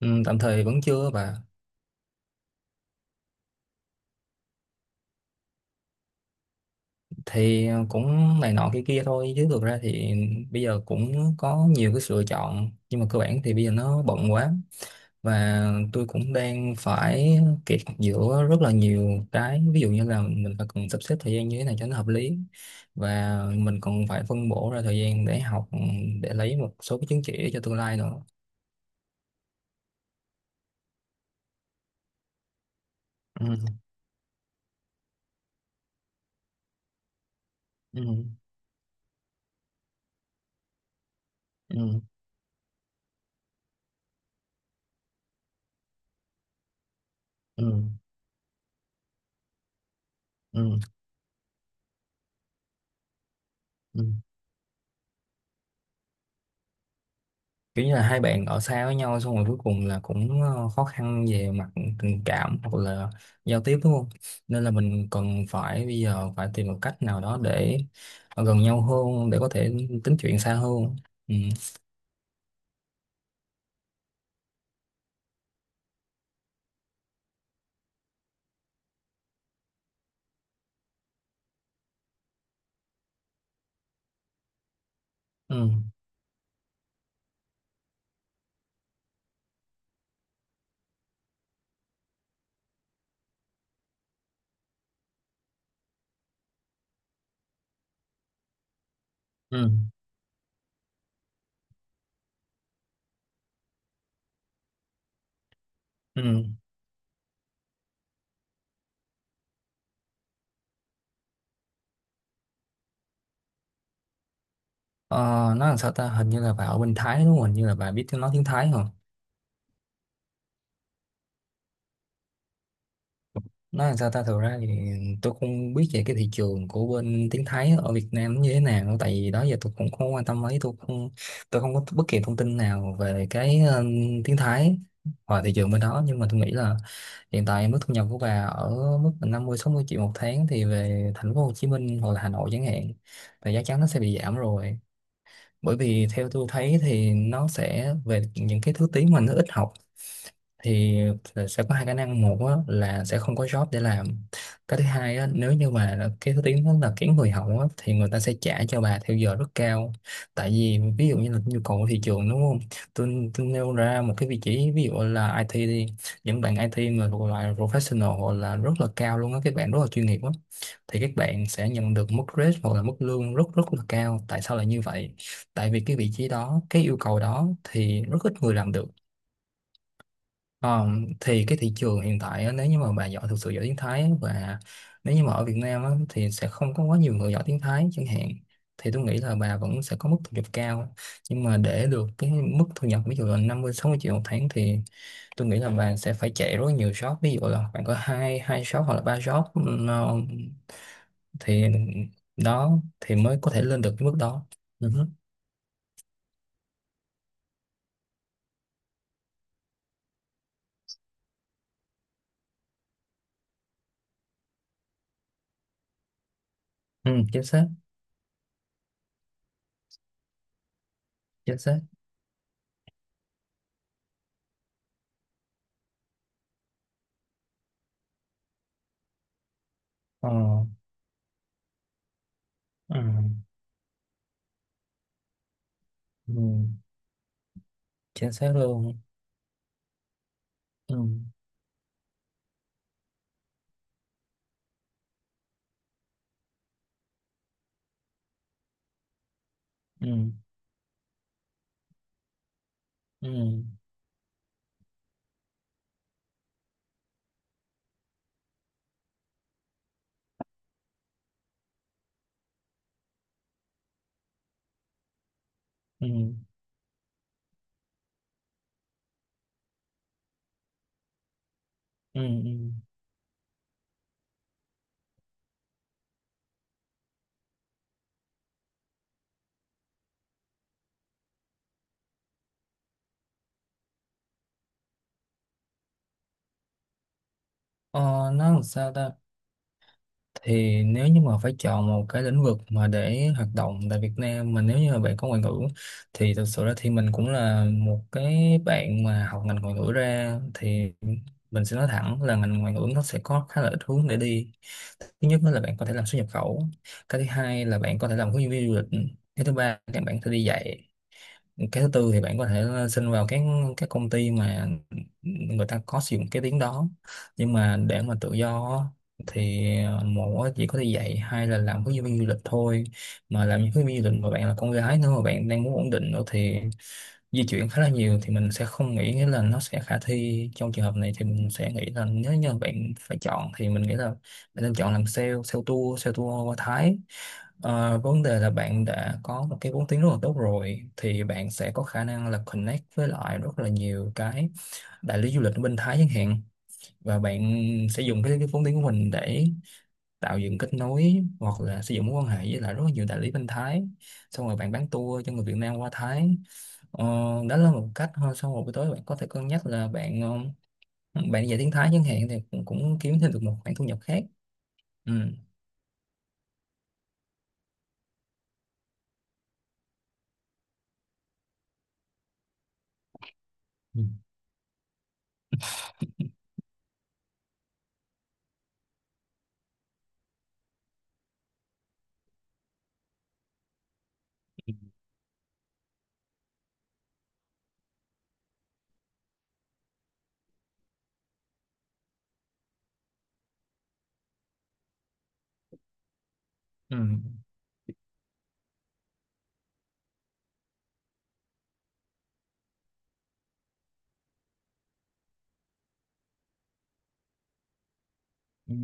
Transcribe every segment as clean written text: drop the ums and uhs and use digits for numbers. Ừ, tạm thời vẫn chưa bà. Thì cũng này nọ kia kia thôi chứ thực ra thì bây giờ cũng có nhiều cái sự lựa chọn, nhưng mà cơ bản thì bây giờ nó bận quá, và tôi cũng đang phải kẹt giữa rất là nhiều cái. Ví dụ như là mình phải cần sắp xếp thời gian như thế này cho nó hợp lý, và mình còn phải phân bổ ra thời gian để học, để lấy một số cái chứng chỉ cho tương lai nữa. Ừ, ừ, ừ, ừ, ừ. Kiểu như là hai bạn ở xa với nhau, xong rồi cuối cùng là cũng khó khăn về mặt tình cảm hoặc là giao tiếp, đúng không? Nên là mình cần phải bây giờ phải tìm một cách nào đó để gần nhau hơn, để có thể tính chuyện xa hơn. Ừ, ừ, ừ, ừ. Ờ, nói làm sao ta, hình như là bà ở bên Thái đúng không, hình như là bà biết tiếng, nói tiếng Thái hả? Nói làm sao ta, thực ra thì tôi không biết về cái thị trường của bên tiếng Thái ở Việt Nam nó như thế nào, tại vì đó giờ tôi cũng không quan tâm mấy. Tôi không có bất kỳ thông tin nào về cái tiếng Thái và thị trường bên đó. Nhưng mà tôi nghĩ là hiện tại mức thu nhập của bà ở mức là 50-60 triệu một tháng, thì về thành phố Hồ Chí Minh hoặc là Hà Nội chẳng hạn, thì chắc chắn nó sẽ bị giảm rồi. Bởi vì theo tôi thấy thì nó sẽ về những cái thứ tiếng mà nó ít học, thì sẽ có hai khả năng. Một á, là sẽ không có job để làm. Cái thứ hai á, nếu như mà là cái thứ tiếng đó là kiếm người hậu á, thì người ta sẽ trả cho bà theo giờ rất cao. Tại vì ví dụ như là nhu cầu của thị trường, đúng không? Tôi nêu ra một cái vị trí ví dụ là IT đi. Những bạn IT mà thuộc loại professional hoặc là rất là cao luôn á, các bạn rất là chuyên nghiệp á, thì các bạn sẽ nhận được mức rate hoặc là mức lương rất rất là cao. Tại sao lại như vậy? Tại vì cái vị trí đó, cái yêu cầu đó thì rất ít người làm được. Ờ, thì cái thị trường hiện tại á, nếu như mà bà giỏi, thực sự giỏi tiếng Thái á, và nếu như mà ở Việt Nam á, thì sẽ không có quá nhiều người giỏi tiếng Thái chẳng hạn, thì tôi nghĩ là bà vẫn sẽ có mức thu nhập cao. Nhưng mà để được cái mức thu nhập ví dụ là 50-60 triệu một tháng thì tôi nghĩ là bà sẽ phải chạy rất nhiều shop, ví dụ là bạn có hai hai shop hoặc là ba shop, thì đó thì mới có thể lên được cái mức đó. Ừ, hứ. Ừ, chính xác. Chính xác. Ờ, ừ, ừ, chính xác luôn. Ừ. Ừ, ừ, ừ, ừ, ừ. Ờ, nó làm sao ta, thì nếu như mà phải chọn một cái lĩnh vực mà để hoạt động tại Việt Nam mà nếu như mà bạn có ngoại ngữ, thì thực sự ra thì mình cũng là một cái bạn mà học ngành ngoại ngữ ra, thì mình sẽ nói thẳng là ngành ngoại ngữ nó sẽ có khá là ít hướng để đi. Thứ nhất đó là bạn có thể làm xuất nhập khẩu. Cái thứ hai là bạn có thể làm hướng dẫn viên du lịch. Cái thứ ba là bạn có thể đi dạy. Cái thứ tư thì bạn có thể xin vào các công ty mà người ta có sử dụng cái tiếng đó. Nhưng mà để mà tự do á, thì một á, chỉ có thể dạy, hai là làm hướng dẫn viên du lịch thôi. Mà làm hướng dẫn viên du lịch mà bạn là con gái nữa mà bạn đang muốn ổn định nữa thì di chuyển khá là nhiều, thì mình sẽ không nghĩ, nghĩa là nó sẽ khả thi trong trường hợp này. Thì mình sẽ nghĩ là nếu như bạn phải chọn thì mình nghĩ là bạn nên chọn làm sale, sale tour, sale tour qua Thái. Ờ, vấn đề là bạn đã có một cái vốn tiếng rất là tốt rồi, thì bạn sẽ có khả năng là connect với lại rất là nhiều cái đại lý du lịch ở bên Thái chẳng hạn. Và bạn sẽ dùng cái vốn tiếng của mình để tạo dựng kết nối hoặc là sử dụng mối quan hệ với lại rất là nhiều đại lý bên Thái, xong rồi bạn bán tour cho người Việt Nam qua Thái. Ờ, đó là một cách thôi. Xong rồi buổi tối bạn có thể cân nhắc là bạn bạn đi dạy tiếng Thái chẳng hạn, thì cũng kiếm thêm được một khoản thu nhập khác. Ừ. Ừ. Ừ. Ừ. Ừ.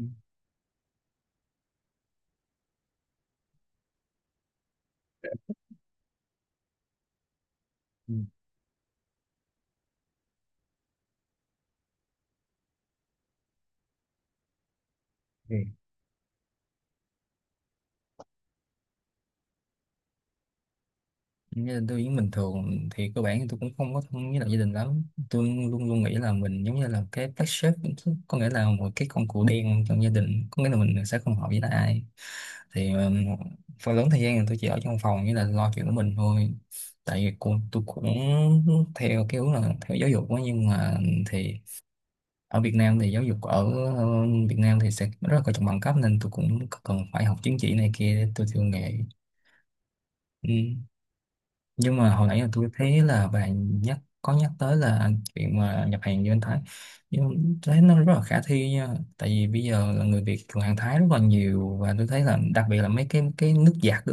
Ừ. Gia đình tôi vẫn bình thường, thì cơ bản thì tôi cũng không có thân với lại gia đình lắm. Tôi luôn luôn nghĩ là mình giống như là cái black sheep, có nghĩa là một cái con cừu đen trong gia đình, có nghĩa là mình sẽ không hợp với lại ai. Thì phần lớn thời gian thì tôi chỉ ở trong phòng với là lo chuyện của mình thôi. Tại vì tôi cũng theo cái hướng là theo giáo dục quá, nhưng mà thì ở Việt Nam thì giáo dục ở Việt Nam thì sẽ rất là coi trọng bằng cấp, nên tôi cũng cần phải học chứng chỉ này kia để tôi theo nghề. Ừ, nhưng mà hồi nãy là tôi thấy là bạn nhắc, có nhắc tới là chuyện mà nhập hàng như anh Thái, nhưng thấy nó rất là khả thi nha. Tại vì bây giờ là người Việt thường hàng Thái rất là nhiều, và tôi thấy là đặc biệt là mấy cái nước giặt đó.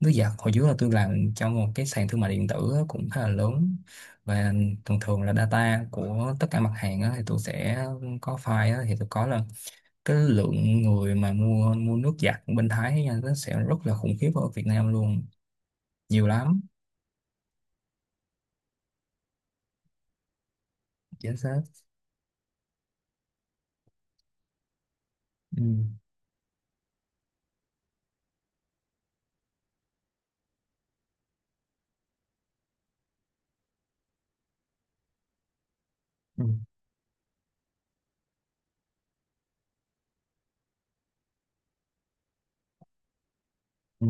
Nước giặt hồi trước là tôi làm trong một cái sàn thương mại điện tử á, cũng khá là lớn, và thường thường là data của tất cả mặt hàng á, thì tôi sẽ có file á, thì tôi có là cái lượng người mà mua mua nước giặt bên Thái nha, nó sẽ rất là khủng khiếp ở Việt Nam luôn. Nhiều lắm. Chính xác. Ừ, ừ, ừ,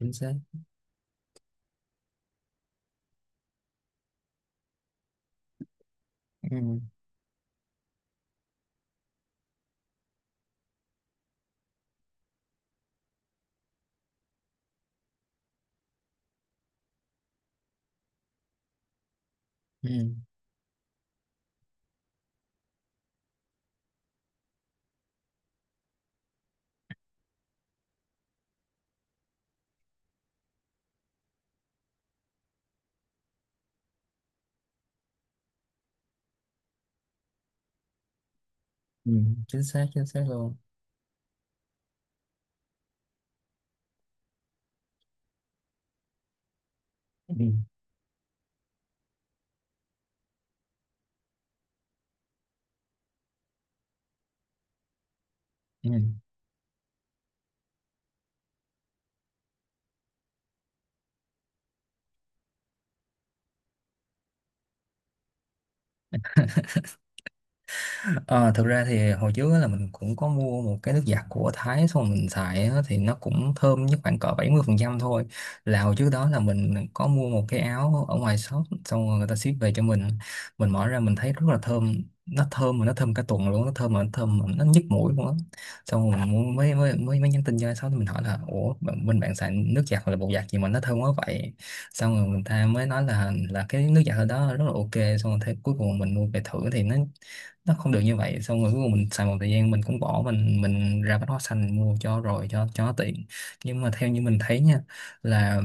chính xác. Ừ, ừ, ừ, chính xác. Chính xác luôn. Ừ, ừ. Ờ, thực ra thì hồi trước á là mình cũng có mua một cái nước giặt của Thái, xong mình xài á thì nó cũng thơm nhất khoảng cỡ 70% thôi. Là hồi trước đó là mình có mua một cái áo ở ngoài shop, xong rồi người ta ship về cho mình mở ra mình thấy rất là thơm. Nó thơm mà nó thơm cả tuần luôn, nó thơm mà nó thơm mà nó nhức mũi luôn á. Xong rồi mới mới mới mới nhắn tin cho ai shop thì mình hỏi là ủa bên bạn xài nước giặt hoặc là bột giặt gì mà nó thơm quá vậy. Xong rồi người ta mới nói là cái nước giặt ở đó rất là ok. Xong rồi thế cuối cùng mình mua về thử thì nó không được như vậy. Xong rồi cuối cùng mình xài một thời gian mình cũng bỏ, mình ra bách hóa xanh mình mua cho rồi, cho nó tiện. Nhưng mà theo như mình thấy nha, là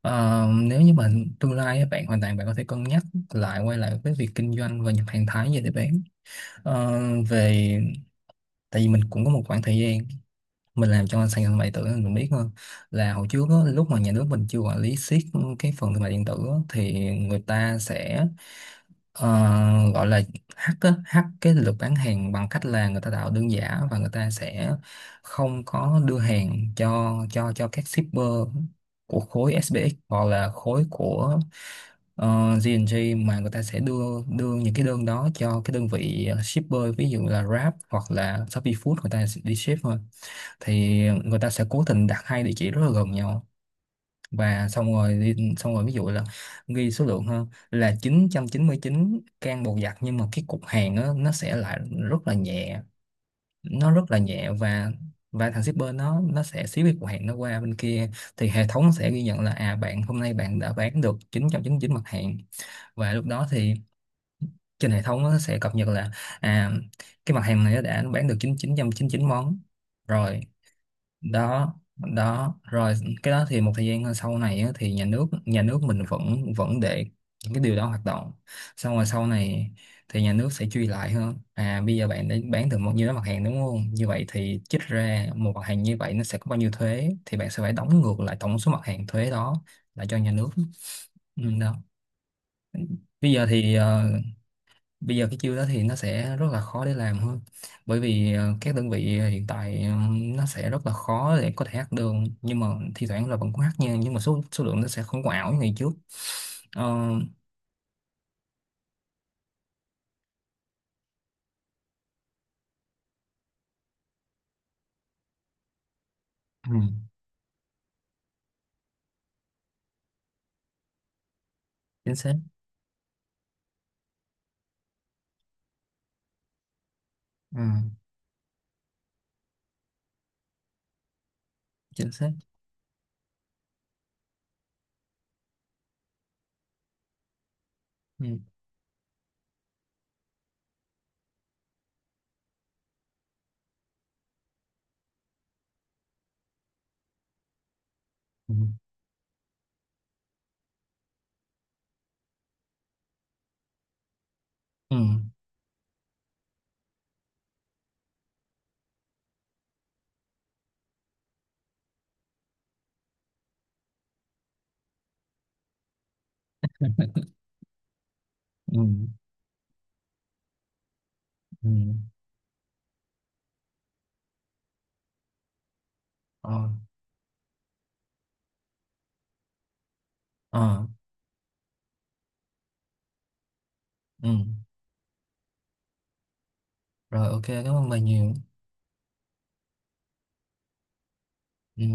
nếu như mà tương lai á, bạn hoàn toàn bạn có thể cân nhắc lại, quay lại với việc kinh doanh và nhập hàng Thái về để bán. Ờ, về, tại vì mình cũng có một khoảng thời gian mình làm cho sàn thương mại điện tử nên mình biết hơn. Là hồi trước á, lúc mà nhà nước mình chưa quản lý siết cái phần thương mại điện tử á, thì người ta sẽ, ờ, gọi là hack á, hack cái lượt bán hàng, bằng cách là người ta tạo đơn giả và người ta sẽ không có đưa hàng cho các shipper của khối SPX hoặc là khối của uh, G&G. Mà người ta sẽ đưa đưa những cái đơn đó cho cái đơn vị shipper ví dụ là Grab hoặc là Shopee Food, người ta sẽ đi ship thôi. Thì người ta sẽ cố tình đặt hai địa chỉ rất là gần nhau, và xong rồi xong rồi ví dụ là ghi số lượng hơn là chín 999 can bột giặt, nhưng mà cái cục hàng á, nó sẽ lại rất là nhẹ. Nó rất là nhẹ, và thằng shipper nó sẽ ship cái cục hàng nó qua bên kia. Thì hệ thống sẽ ghi nhận là, à bạn hôm nay bạn đã bán được chín 999 mặt hàng. Và lúc đó thì trên hệ thống nó sẽ cập nhật là, à cái mặt hàng này nó đã bán được chín chín 999 món. Rồi đó đó rồi, cái đó thì một thời gian sau này á, thì nhà nước mình vẫn vẫn để những cái điều đó hoạt động. Xong rồi sau này thì nhà nước sẽ truy lại hơn, à bây giờ bạn đã bán được bao nhiêu đó mặt hàng đúng không, như vậy thì trích ra một mặt hàng như vậy nó sẽ có bao nhiêu thuế, thì bạn sẽ phải đóng ngược lại tổng số mặt hàng thuế đó lại cho nhà nước. Ừ, đó. Bây giờ thì bây giờ cái chiêu đó thì nó sẽ rất là khó để làm hơn, bởi vì các đơn vị hiện tại nó sẽ rất là khó để có thể hack được. Nhưng mà thi thoảng là vẫn có hack nha, nhưng mà số số lượng nó sẽ không có ảo như ngày trước. Ờ, ừ, chính xác. Ừ, chính xác. Ừ, ừ, ừ, ừ, ừ, ờ, ờ, ừ. Rồi ok, cảm ơn bà nhiều. Ừ.